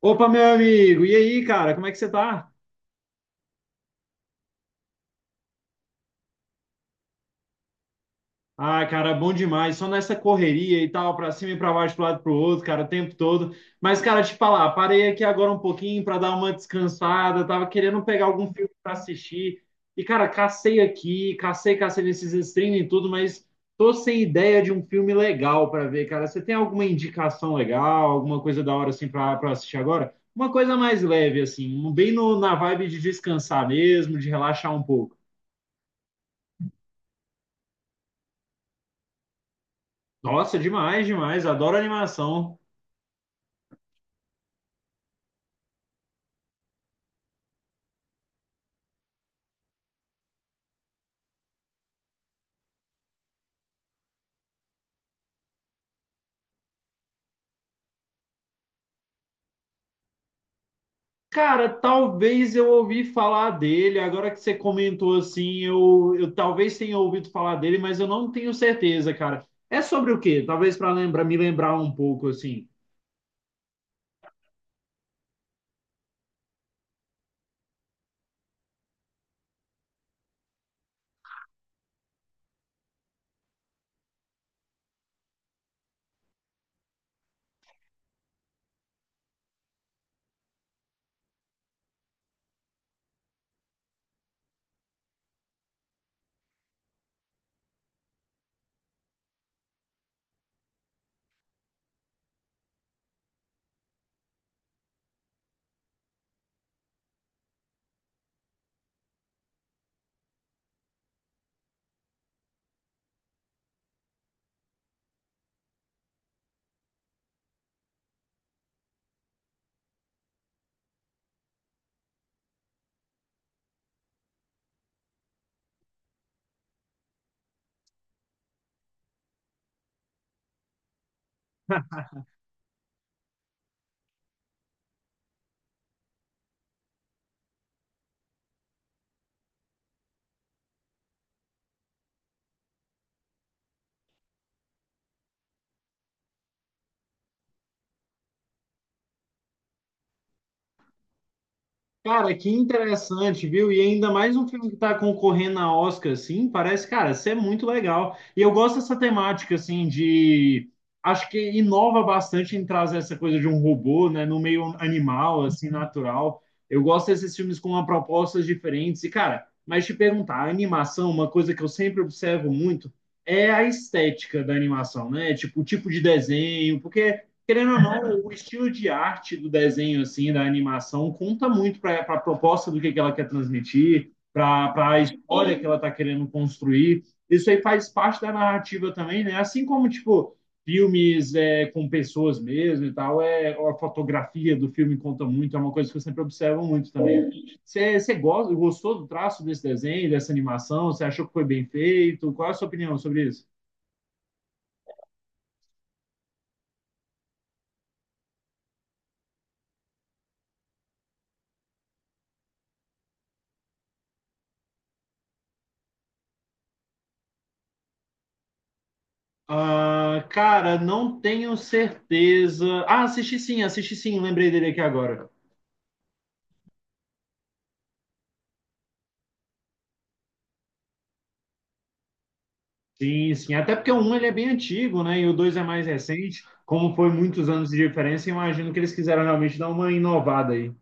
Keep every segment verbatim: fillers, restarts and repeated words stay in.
Opa, meu amigo, e aí, cara, como é que você tá? Ah, cara, bom demais, só nessa correria e tal, pra cima e pra baixo, pro lado e pro outro, cara, o tempo todo. Mas, cara, te falar, parei aqui agora um pouquinho pra dar uma descansada, tava querendo pegar algum filme pra assistir. E, cara, cacei aqui, cacei, cacei nesses streaming e tudo, mas tô sem ideia de um filme legal pra ver, cara. Você tem alguma indicação legal, alguma coisa da hora assim pra, pra assistir agora? Uma coisa mais leve, assim, um bem no, na vibe de descansar mesmo, de relaxar um pouco. Nossa, demais, demais. Adoro animação. Cara, talvez eu ouvi falar dele. Agora que você comentou assim, eu, eu talvez tenha ouvido falar dele, mas eu não tenho certeza, cara. É sobre o quê? Talvez para lembrar, me lembrar um pouco assim. Cara, que interessante, viu? E ainda mais um filme que tá concorrendo a Oscar, assim, parece, cara, isso é muito legal. E eu gosto dessa temática, assim, de... Acho que inova bastante em trazer essa coisa de um robô, né, no meio animal, assim, natural. Eu gosto desses filmes com uma propostas diferentes. E, cara, mas te perguntar, a animação, uma coisa que eu sempre observo muito, é a estética da animação, né? Tipo, o tipo de desenho, porque querendo ou não, o estilo de arte do desenho, assim, da animação, conta muito para a proposta do que, que ela quer transmitir, para a história que ela está querendo construir. Isso aí faz parte da narrativa também, né? Assim como, tipo, filmes é, com pessoas mesmo e tal, é, a fotografia do filme conta muito, é uma coisa que eu sempre observo muito também. Você você gosta, gostou do traço desse desenho, dessa animação? Você achou que foi bem feito? Qual é a sua opinião sobre isso? Ah, cara, não tenho certeza. Ah, assisti sim, assisti sim, lembrei dele aqui agora. Sim, sim. Até porque o um ele é bem antigo, né? E o dois é mais recente. Como foi muitos anos de diferença, imagino que eles quiseram realmente dar uma inovada aí.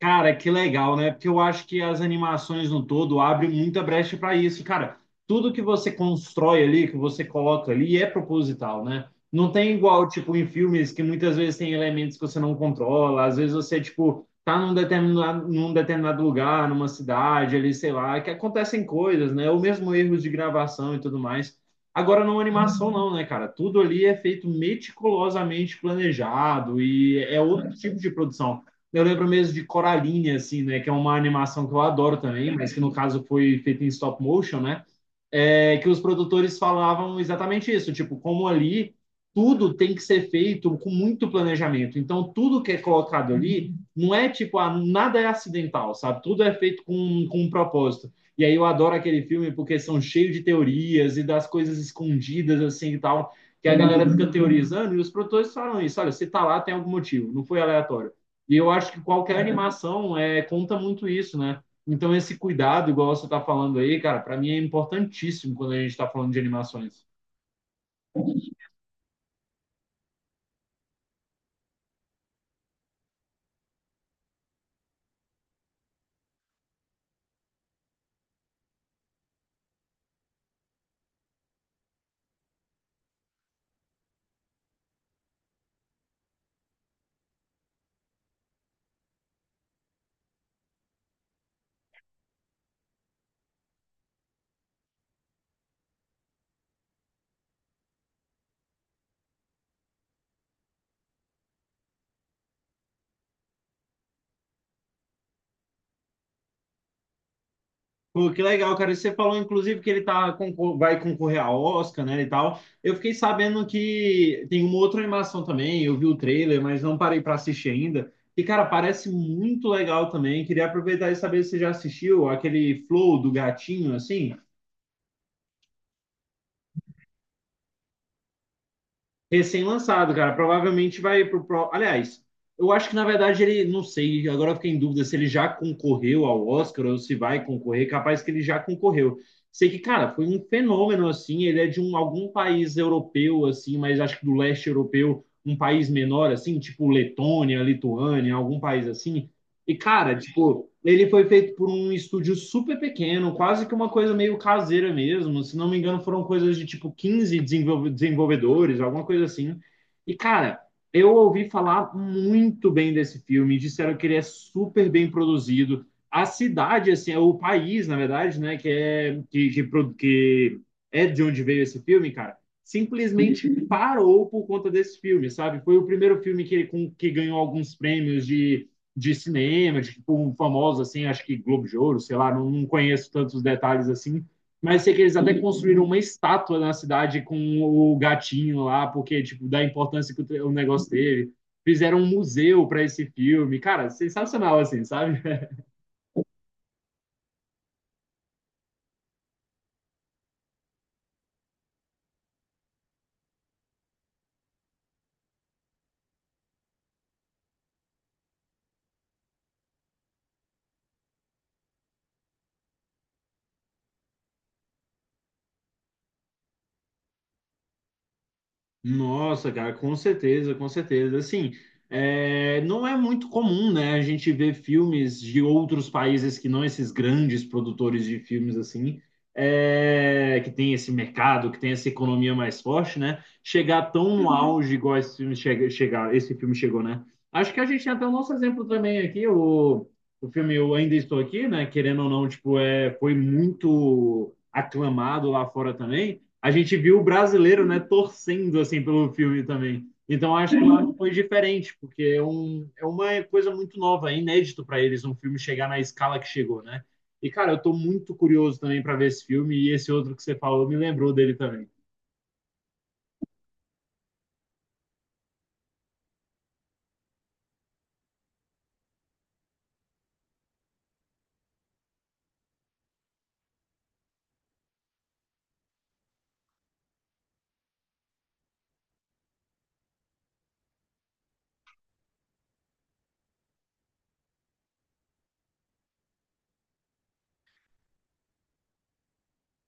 Cara, que legal, né? Porque eu acho que as animações no todo abrem muita brecha para isso. Cara, tudo que você constrói ali, que você coloca ali, é proposital, né? Não tem igual, tipo, em filmes que muitas vezes tem elementos que você não controla, às vezes você, tipo, tá num determinado, num determinado lugar, numa cidade ali, sei lá, que acontecem coisas, né? Ou mesmo erros de gravação e tudo mais. Agora, não animação, não, né, cara? Tudo ali é feito meticulosamente planejado e é outro tipo de produção. Eu lembro mesmo de Coraline, assim, né? Que é uma animação que eu adoro também, mas que no caso foi feita em stop motion, né? É, que os produtores falavam exatamente isso, tipo, como ali tudo tem que ser feito com muito planejamento. Então, tudo que é colocado ali não é tipo, ah, nada é acidental, sabe? Tudo é feito com, com um propósito. E aí eu adoro aquele filme porque são cheios de teorias e das coisas escondidas assim e tal, que a galera fica teorizando e os produtores falam isso, olha, se tá lá tem algum motivo, não foi aleatório. E eu acho que qualquer animação é, conta muito isso, né? Então, esse cuidado, igual você está falando aí, cara, para mim é importantíssimo quando a gente está falando de animações. Pô, que legal, cara. E você falou, inclusive, que ele tá, concor- vai concorrer a Oscar, né, e tal. Eu fiquei sabendo que tem uma outra animação também. Eu vi o trailer, mas não parei para assistir ainda. E, cara, parece muito legal também. Queria aproveitar e saber se você já assistiu aquele Flow do gatinho, assim. Recém-lançado, cara. Provavelmente vai pro, pro. Aliás, eu acho que na verdade ele, não sei, agora eu fiquei em dúvida se ele já concorreu ao Oscar ou se vai concorrer. Capaz que ele já concorreu. Sei que, cara, foi um fenômeno assim. Ele é de um, algum país europeu, assim, mas acho que do leste europeu, um país menor, assim, tipo Letônia, Lituânia, algum país assim. E, cara, tipo, ele foi feito por um estúdio super pequeno, quase que uma coisa meio caseira mesmo. Se não me engano, foram coisas de tipo quinze desenvolve- desenvolvedores, alguma coisa assim. E, cara, eu ouvi falar muito bem desse filme, disseram que ele é super bem produzido. A cidade, assim, é o país, na verdade, né, que é, que, que, pro- que é de onde veio esse filme, cara, simplesmente parou por conta desse filme, sabe? Foi o primeiro filme que, ele- com- que ganhou alguns prêmios de de cinema, de tipo, um famoso, assim, acho que Globo de Ouro, sei lá, não, não conheço tantos detalhes assim, mas sei que eles até construíram uma estátua na cidade com o gatinho lá, porque, tipo, da importância que o, negócio teve. Fizeram um museu para esse filme. Cara, sensacional, assim, sabe? Nossa, cara, com certeza, com certeza. Assim, é, não é muito comum, né, a gente ver filmes de outros países que não esses grandes produtores de filmes, assim, é, que tem esse mercado, que tem essa economia mais forte, né, chegar tão no uhum. Auge igual esse filme chega, chegar, esse filme chegou, né? Acho que a gente tem até o nosso exemplo também aqui, o, o filme Eu Ainda Estou Aqui, né, querendo ou não, tipo, é, foi muito aclamado lá fora também, a gente viu o brasileiro, né, torcendo assim pelo filme também. Então acho que lá foi diferente, porque é, um, é uma coisa muito nova, é inédito para eles um filme chegar na escala que chegou, né? E cara, eu tô muito curioso também para ver esse filme e esse outro que você falou me lembrou dele também.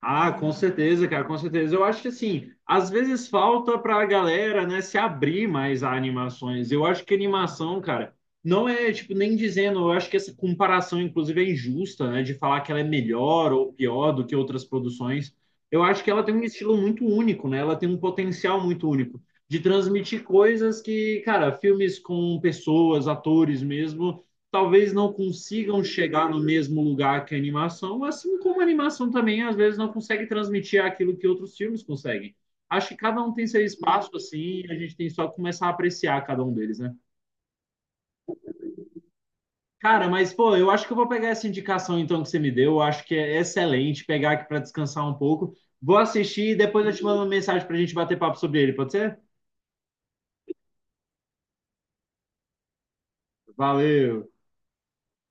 Ah, com certeza, cara, com certeza. Eu acho que assim, às vezes falta para a galera, né, se abrir mais a animações. Eu acho que animação, cara, não é tipo nem dizendo, eu acho que essa comparação inclusive é injusta, né, de falar que ela é melhor ou pior do que outras produções. Eu acho que ela tem um estilo muito único, né? Ela tem um potencial muito único de transmitir coisas que, cara, filmes com pessoas, atores mesmo talvez não consigam chegar no mesmo lugar que a animação, assim como a animação também às vezes não consegue transmitir aquilo que outros filmes conseguem. Acho que cada um tem seu espaço assim, e a gente tem só que começar a apreciar cada um deles, né? Cara, mas pô, eu acho que eu vou pegar essa indicação então que você me deu, eu acho que é excelente pegar aqui para descansar um pouco. Vou assistir e depois eu te mando uma mensagem para a gente bater papo sobre ele, pode ser? Valeu!